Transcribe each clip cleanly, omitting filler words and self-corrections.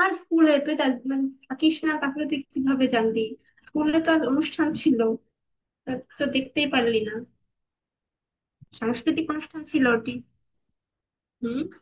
আর স্কুলে তুই তা- মানে থাকিস না, তাহলে তুই কিভাবে জানবি? স্কুলে তো আজ অনুষ্ঠান ছিল। তা তুই তো দেখতেই পারলি না। সাংস্কৃতিক অনুষ্ঠান ছিল ওটি। হম।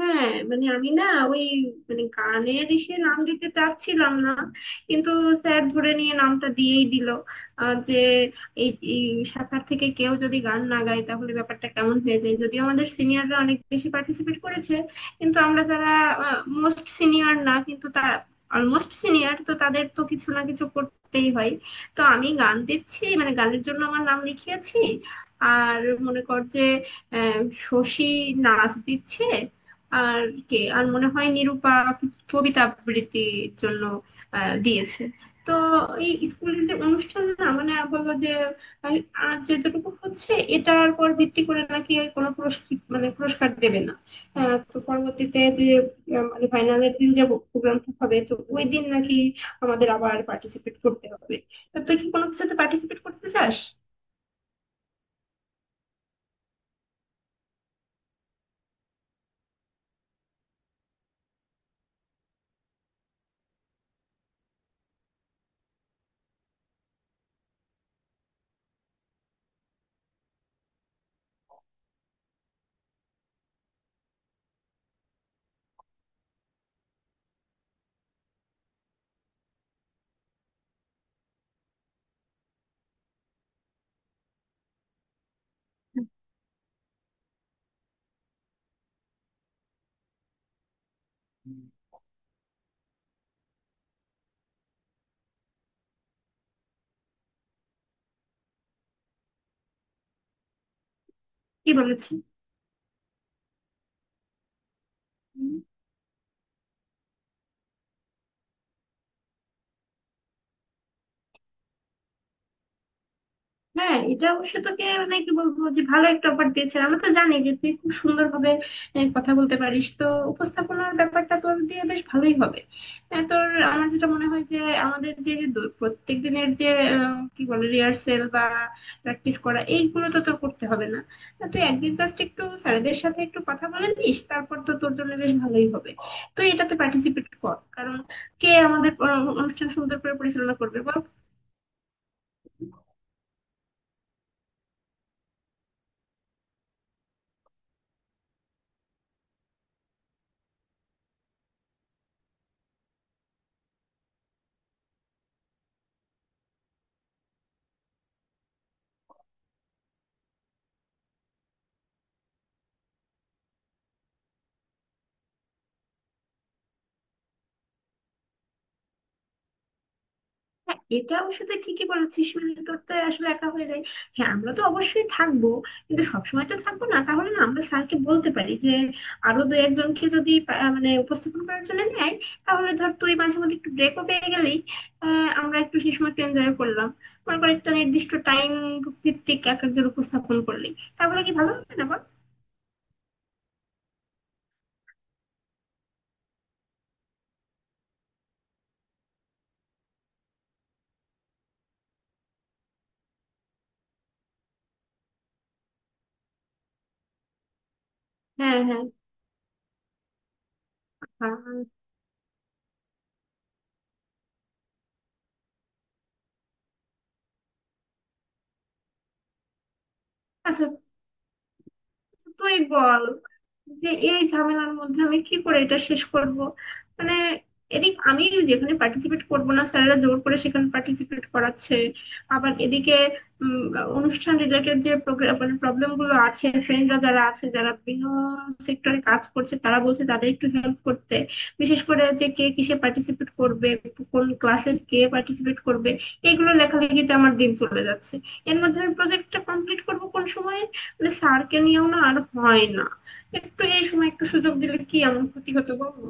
হ্যাঁ আমি না, ওই, গানের ইসে নাম দিতে চাচ্ছিলাম না, কিন্তু স্যার ধরে নিয়ে নামটা দিয়েই দিল। যে এই এই শাখার থেকে কেউ যদি গান না গায় তাহলে ব্যাপারটা কেমন হয়ে যায়। যদিও আমাদের সিনিয়ররা অনেক বেশি পার্টিসিপেট করেছে, কিন্তু আমরা যারা মোস্ট সিনিয়র না, কিন্তু তা অলমোস্ট সিনিয়র, তো তাদের তো কিছু না কিছু করতেই হয়। তো আমি গান দিচ্ছি, গানের জন্য আমার নাম লিখিয়েছি। আর মনে কর যে আহ, শশী নাচ দিচ্ছে, আর কে আর মনে হয় নিরূপা কিছু কবিতা আবৃত্তির জন্য দিয়েছে। তো এই স্কুলের যে অনুষ্ঠান, না বললো যে আহ, আর যেটুকু হচ্ছে এটার পর ভিত্তি করে নাকি আর কোনো পুরস্কার, পুরস্কার দেবে না। তো পরবর্তীতে যে আহ, মানে ফাইনালের দিন যে প্রোগ্রামটা হবে, তো ওই দিন নাকি আমাদের আবার পার্টিসিপেট করতে হবে। তো তুই কি কোনো কিছুতে পার্টিসিপেট করতে চাস? কি বলেছিস? হ্যাঁ, এটা অবশ্য তোকে কি বলবো, যে ভালো একটা অফার দিয়েছে। আমরা তো জানি যে তুই খুব সুন্দর ভাবে কথা বলতে পারিস তো, উপস্থাপনার ব্যাপারটা তোর দিয়ে বেশ ভালোই হবে। আহ, তোর আমার যেটা মনে হয় যে আমাদের যে প্রত্যেক দিনের যে কি বলে, রিহার্সেল বা প্র্যাকটিস করা, এইগুলো তো তোর করতে হবে না। তুই একদিন জাস্ট একটু স্যারেদের সাথে একটু কথা বলে নিস, তারপর তো তোর জন্য বেশ ভালোই হবে। তুই এটাতে পার্টিসিপেট কর, কারণ কে আমাদের অনুষ্ঠান সুন্দর করে পরিচালনা করবে বল? হ্যাঁ, এটা অবশ্য তুই ঠিকই বলেছিস, তোর তো আসলে একা হয়ে যায়। হ্যাঁ, আমরা তো অবশ্যই থাকবো, কিন্তু সবসময় তো থাকবো না। তাহলে না আমরা স্যারকে বলতে পারি যে আরো দু একজনকে যদি পা- মানে উপস্থাপন করার জন্য নেয়, তাহলে ধর তুই মাঝে মধ্যে একটু ব্রেকও পেয়ে গেলি। আমরা একটু সেই সময় একটু এনজয় করলাম। মনে কর একটা নির্দিষ্ট টাইম ভিত্তিক এক একজন উপস্থাপন করলি, তাহলে কি ভালো হবে না বল? হ্যাঁ, হ্যাঁ, হ্যাঁ। আচ্ছা তুই বল, যে এই ঝামেলার মধ্যে আমি কি করে এটা শেষ করব। মানে এদিক আমি যেখানে পার্টিসিপেট করব না, স্যারেরা জোর করে সেখানে পার্টিসিপেট করাচ্ছে। আবার এদিকে উম, অনুষ্ঠান রিলেটেড যে প্রবলেম গুলো আছে, ফ্রেন্ডরা যারা আছে, যারা বিভিন্ন সেক্টরে কাজ করছে, তারা বলছে তাদের একটু হেল্প করতে, বিশেষ করে যে কে কিসে পার্টিসিপেট করবে, কোন ক্লাসের কে পার্টিসিপেট করবে, এগুলো লেখালেখিতে আমার দিন চলে যাচ্ছে। এর মধ্যে আমি প্রজেক্টটা কমপ্লিট করব কোন সময়ে? স্যারকে নিয়েও না আর হয় না। একটু এই সময় একটু সুযোগ দিলে কি এমন ক্ষতি হতো বলো?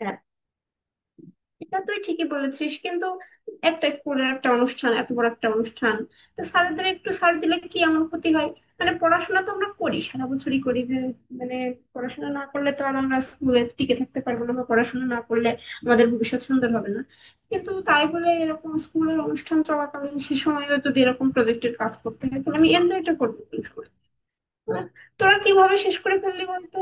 হ্যাঁ, এটা তুই ঠিকই বলেছিস, কিন্তু একটা স্কুলের একটা অনুষ্ঠান, এত বড় একটা অনুষ্ঠান, তো স্যারদের একটু স্যার দিলে কি এমন ক্ষতি হয়? পড়াশোনা তো আমরা করি, সারা বছরই করি যে, মানে পড়াশোনা না করলে তো আর আমরা স্কুলে টিকে থাকতে পারবো না, বা পড়াশোনা না করলে আমাদের ভবিষ্যৎ সুন্দর হবে না। কিন্তু তাই বলে এরকম স্কুলের অনুষ্ঠান চলাকালীন সে সময় যদি এরকম প্রজেক্টের কাজ করতে হয়, তাহলে আমি এনজয়টা করবো কোন সময়? তোরা কিভাবে শেষ করে ফেললি বলতো?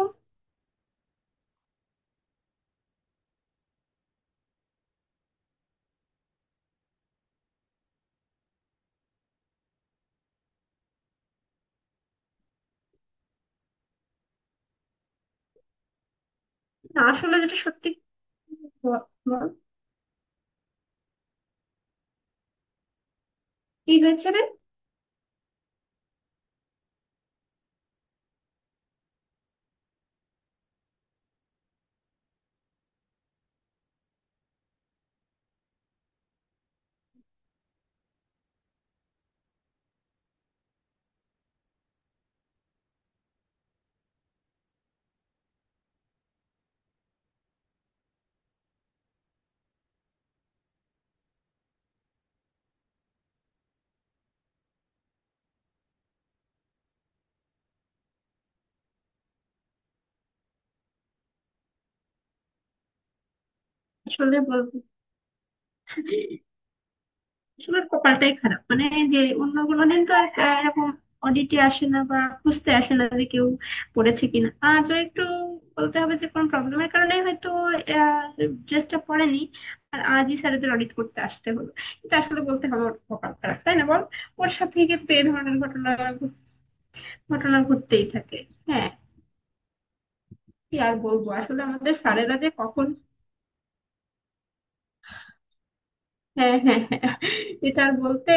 না আসলে যেটা সত্যি। ব- বল, কি হয়েছে রে? আসলে বলবো, আসলে কপালটাই খারাপ। যে অন্য কোনো দিন তো আর এরকম অডিটে আসে না বা খুঁজতে আসে না যে কেউ পড়েছে কিনা, আজও একটু বলতে হবে যে কোনো প্রবলেমের কারণে হয়তো ড্রেসটা পরেনি, আর আজই স্যারেদের অডিট করতে আসতে হলো। এটা আসলে বলতে হবে ওর কপাল খারাপ, তাই না বল? ওর সাথে কিন্তু এই ধরনের ঘটনা ঘট- ঘটনা ঘটতেই থাকে। হ্যাঁ, কি আর বলবো, আসলে আমাদের স্যারেরা যে কখন। হ্যাঁ, হ্যাঁ, হ্যাঁ। এটা আর বলতে,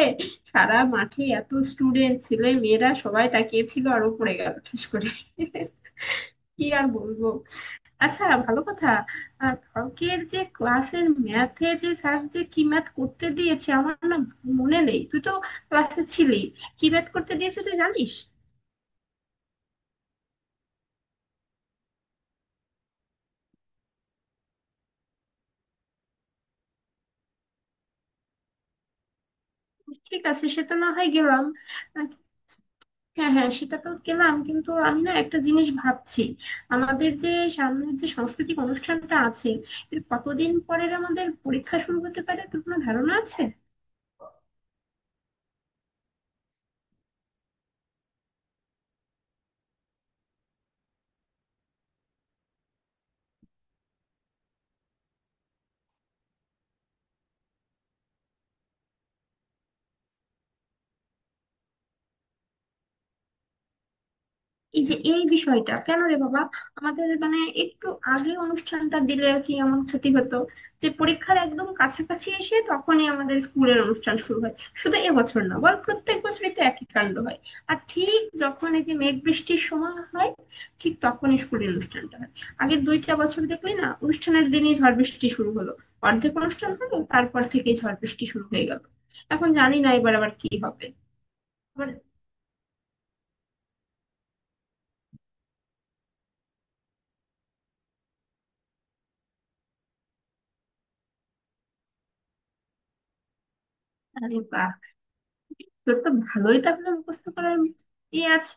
সারা মাঠে এত স্টুডেন্ট ছেলে মেয়েরা সবাই তাকিয়েছিল, আর ও পড়ে গেল ঠাস করে। কি আর বলবো। আচ্ছা ভালো কথা, কালকের যে ক্লাসের ম্যাথে যে স্যার যে কি ম্যাথ করতে দিয়েছে আমার না মনে নেই। তুই তো ক্লাসে ছিলি, কি ম্যাথ করতে দিয়েছে তুই জানিস? ঠিক আছে, সে তো না হয় গেলাম। হ্যাঁ, হ্যাঁ, সেটা তো গেলাম, কিন্তু আমি না একটা জিনিস ভাবছি, আমাদের যে সামনের যে সাংস্কৃতিক অনুষ্ঠানটা আছে, এর কতদিন পরের আমাদের পরীক্ষা শুরু হতে পারে তোর কোনো ধারণা আছে? এই যে এই বিষয়টা কেন রে বাবা, আমাদের একটু আগে অনুষ্ঠানটা দিলে আর কি এমন ক্ষতি হতো? যে পরীক্ষার একদম কাছাকাছি এসে তখনই আমাদের স্কুলের অনুষ্ঠান শুরু হয়, শুধু এবছর না বল, প্রত্যেক বছরই তো একই কাণ্ড হয়। আর ঠিক যখন এই যে মেঘ বৃষ্টির সময় হয়, ঠিক তখনই স্কুলের অনুষ্ঠানটা হয়। আগের দুইটা বছর দেখলি না, অনুষ্ঠানের দিনই ঝড় বৃষ্টি শুরু হলো, অর্ধেক অনুষ্ঠান হলো তারপর থেকেই ঝড় বৃষ্টি শুরু হয়ে গেল। এখন জানি না এবার আবার কি হবে। আবার- আরে বাহ, তোর তো ভালোই তাহলে মুখস্থ করার ইয়ে আছে।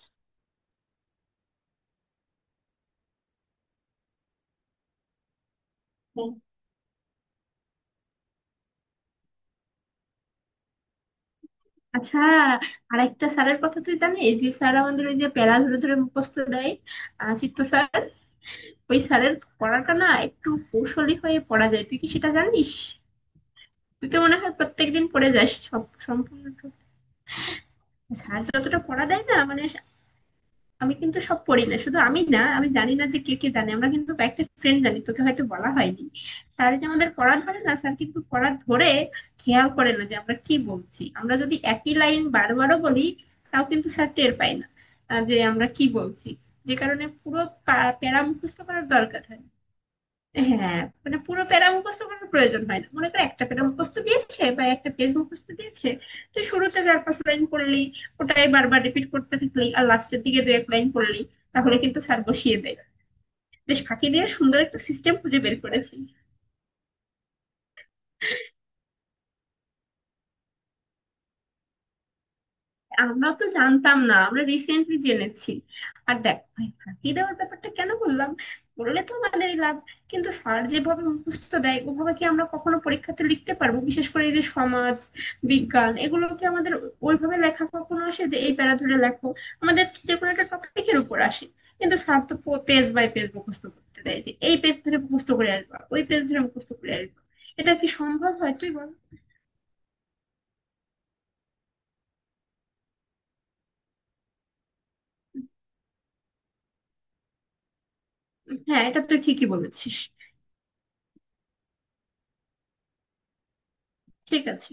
আচ্ছা, আরেকটা স্যারের কথা তুই জানিস, যে স্যার আমাদের ওই যে প্যারা ধরে ধরে মুখস্থ দেয়, চিত্ত স্যার, ওই স্যারের পড়াটা না একটু কৌশলী হয়ে পড়া যায়, তুই কি সেটা জানিস? তুই তো মনে হয় প্রত্যেকদিন পড়ে যাস সব সম্পূর্ণ। স্যার যতটা পড়া দেয় না, আমি কিন্তু সব পড়ি না। শুধু আমি না, আমি জানি না যে কে কে জানে, আমরা কিন্তু কয়েকটা ফ্রেন্ড জানি, তোকে হয়তো বলা হয়নি। স্যার যে আমাদের পড়া ধরে না, স্যার কিন্তু পড়া ধরে, খেয়াল করে না যে আমরা কি বলছি। আমরা যদি একই লাইন বারবারও বলি তাও কিন্তু স্যার টের পায় না যে আমরা কি বলছি। যে কারণে পুরো প্যারা মুখস্থ করার দরকার হয়। হ্যাঁ, পুরো প্যারা মুখস্থ করার প্রয়োজন হয় না। মনে করো একটা প্যারা মুখস্থ দিয়েছে বা একটা পেজ মুখস্থ দিয়েছে, তো শুরুতে চার পাঁচ লাইন পড়লি, ওটাই বারবার রিপিট করতে থাকলি, আর লাস্টের দিকে দু এক লাইন পড়লি, তাহলে কিন্তু স্যার বসিয়ে দেয়। বেশ ফাঁকি দিয়ে সুন্দর একটা সিস্টেম খুঁজে বের করেছি। আমরা তো জানতাম না, আমরা রিসেন্টলি জেনেছি। আর দেখ ভাই, ফাঁকি দেওয়ার ব্যাপারটা কেন বললাম, বললে তো আমাদেরই লাভ, কিন্তু স্যার যেভাবে মুখস্থ দেয় ওভাবে কি আমরা কখনো পরীক্ষাতে লিখতে পারবো? বিশেষ করে এই যে সমাজ বিজ্ঞান, এগুলো কি আমাদের ওইভাবে লেখা কখনো আসে যে এই প্যারা ধরে লেখো? আমাদের তো যে কোনো একটা টপিকের উপর আসে, কিন্তু স্যার তো পেজ বাই পেজ মুখস্থ করতে দেয়, যে এই পেজ ধরে মুখস্থ করে আসবা, ওই পেজ ধরে মুখস্থ করে আসবা। এটা কি সম্ভব হয় তুই বল? হ্যাঁ, এটা তুই ঠিকই বলেছিস। ঠিক আছে।